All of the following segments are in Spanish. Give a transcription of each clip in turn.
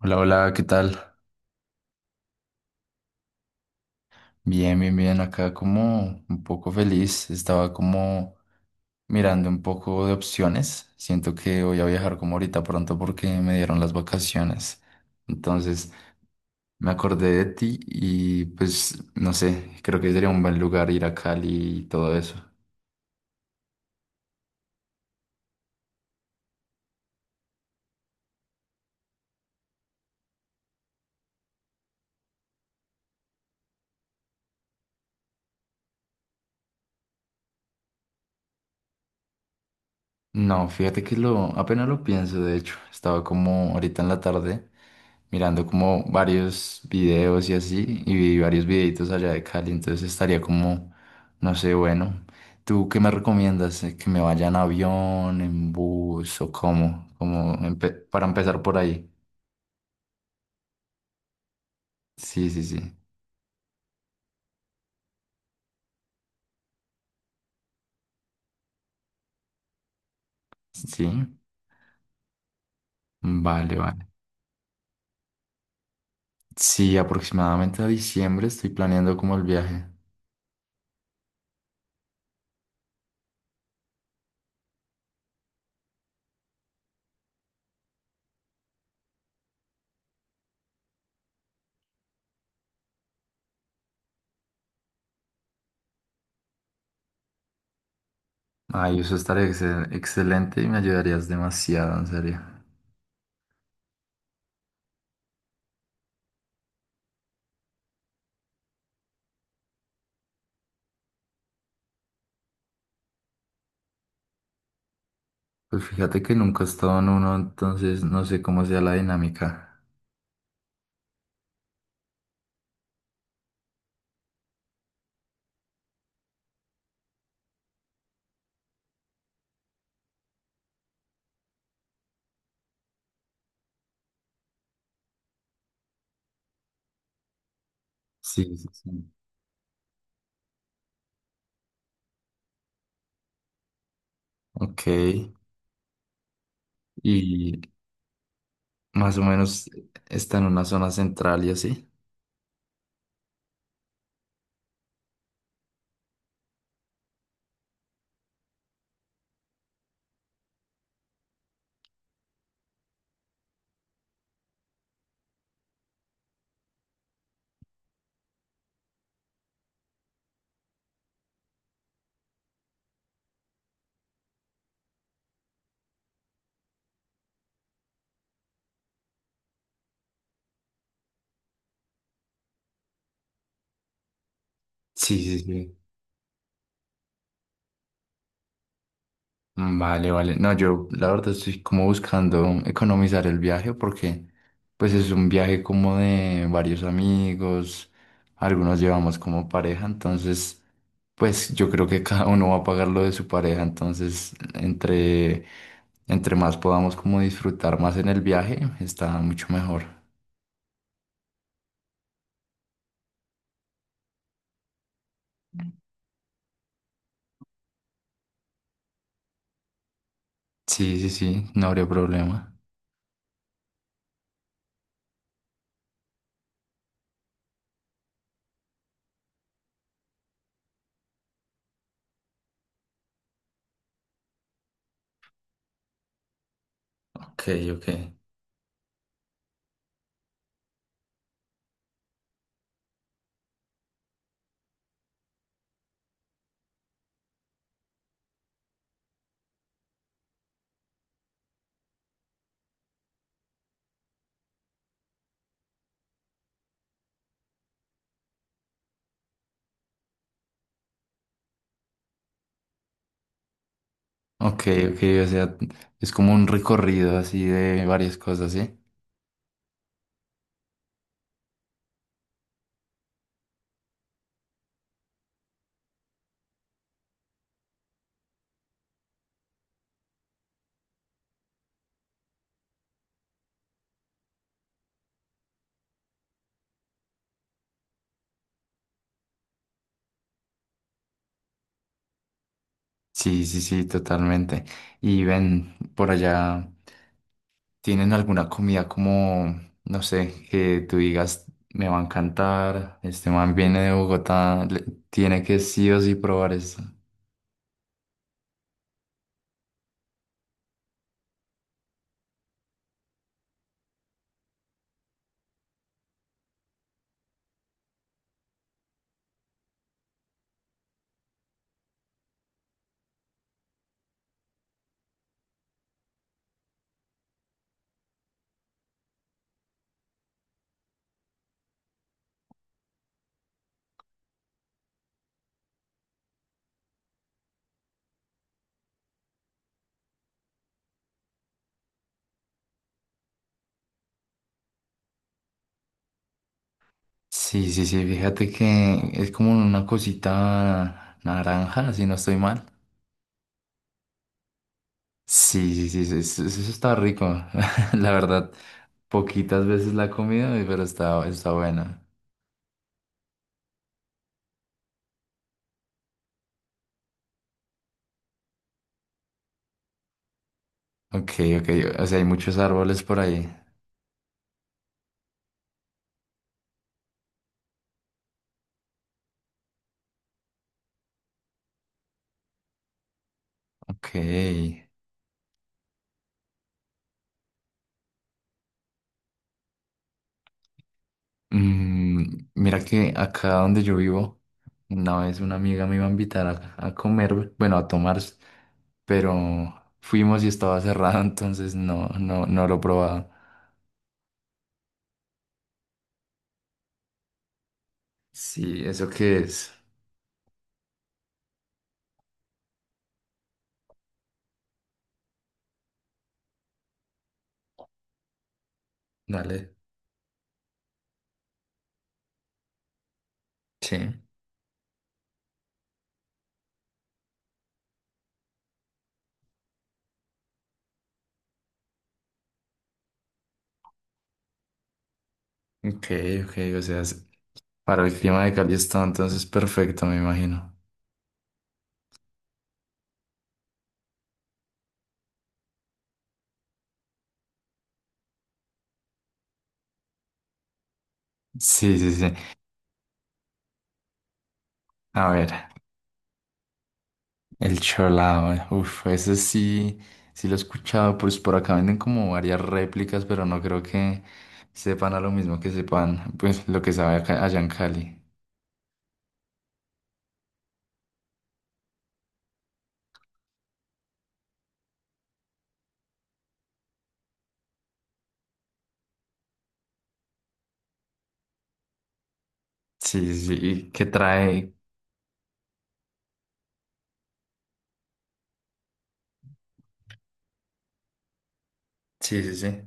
Hola, hola, ¿qué tal? Bien, bien, bien. Acá como un poco feliz. Estaba como mirando un poco de opciones. Siento que voy a viajar como ahorita pronto porque me dieron las vacaciones. Entonces me acordé de ti y pues no sé, creo que sería un buen lugar ir a Cali y todo eso. No, fíjate que lo, apenas lo pienso, de hecho, estaba como ahorita en la tarde mirando como varios videos y así, y vi varios videitos allá de Cali, entonces estaría como, no sé, bueno, ¿tú qué me recomiendas? ¿¿Que me vaya en avión, en bus o cómo? Como para empezar por ahí. Sí, sí, sí. Sí, vale, vale. Sí, aproximadamente a diciembre estoy planeando como el viaje. Ay, eso estaría excelente y me ayudarías demasiado, en serio. Pues fíjate que nunca he estado en uno, entonces no sé cómo sea la dinámica. Sí, sí, sí. Ok. Y más o menos está en una zona central y así. Sí, sí, sí. Vale, vale. No, yo la verdad estoy como buscando economizar el viaje porque pues es un viaje como de varios amigos, algunos llevamos como pareja, entonces pues yo creo que cada uno va a pagar lo de su pareja, entonces entre, entre más podamos como disfrutar más en el viaje, está mucho mejor. Sí, sí, sí, no habría problema. Ok, ok. Ok, ok, o sea, es como un recorrido así de varias cosas, ¿sí? Sí, sí, sí, totalmente. Y ven, por allá, ¿tienen alguna comida como, no sé, que tú digas, me va a encantar, este man viene de Bogotá, le- tiene que sí o sí probar esto? Sí, sí, sí, fíjate que es como una cosita naranja, si no estoy mal. Sí, sí, sí, sí, eso está rico. La verdad, poquitas veces la he comido, pero está, está buena. Ok, ok, o sea, hay muchos árboles por ahí. Ok. Mm, mira que acá donde yo vivo, una vez una amiga me iba a invitar a comer, bueno, a tomar, pero fuimos y estaba cerrado, entonces no, no lo probaba. Sí, ¿eso qué es? Dale. Sí. Ok, ok, o sea, para el clima de Cali está entonces perfecto, me imagino. Sí, sí, sí. A ver. El cholao, uff, ese sí, sí lo he escuchado, pues por acá venden como varias réplicas, pero no creo que sepan a lo mismo que sepan, pues lo que sabe allá en Cali. Sí, sí, sí, y que trae, sí, sí, sí.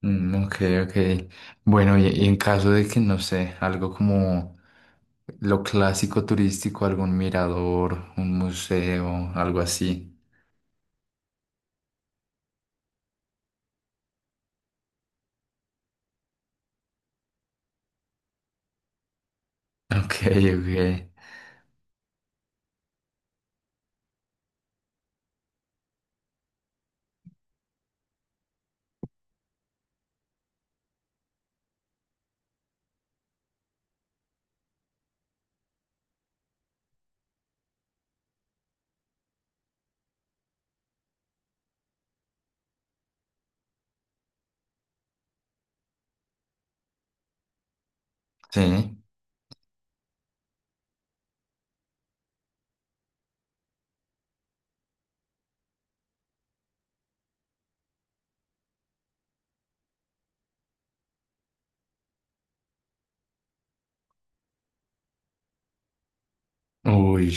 Mm, ok, ok. Bueno, y en caso de que, no sé, algo como lo clásico turístico, algún mirador, un museo, algo así. Ok, ok. Sí. Uy.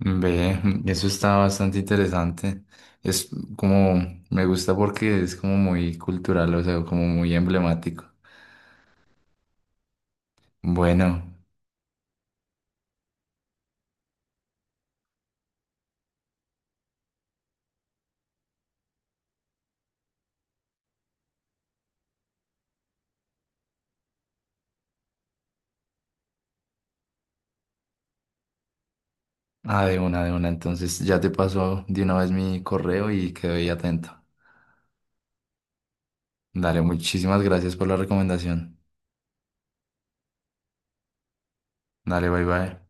Ve, eso está bastante interesante. Es como, me gusta porque es como muy cultural, o sea, como muy emblemático. Bueno, ah, de una, de una. Entonces ya te paso de una vez mi correo y quedo ahí atento. Dale, muchísimas gracias por la recomendación. Dale, bye bye.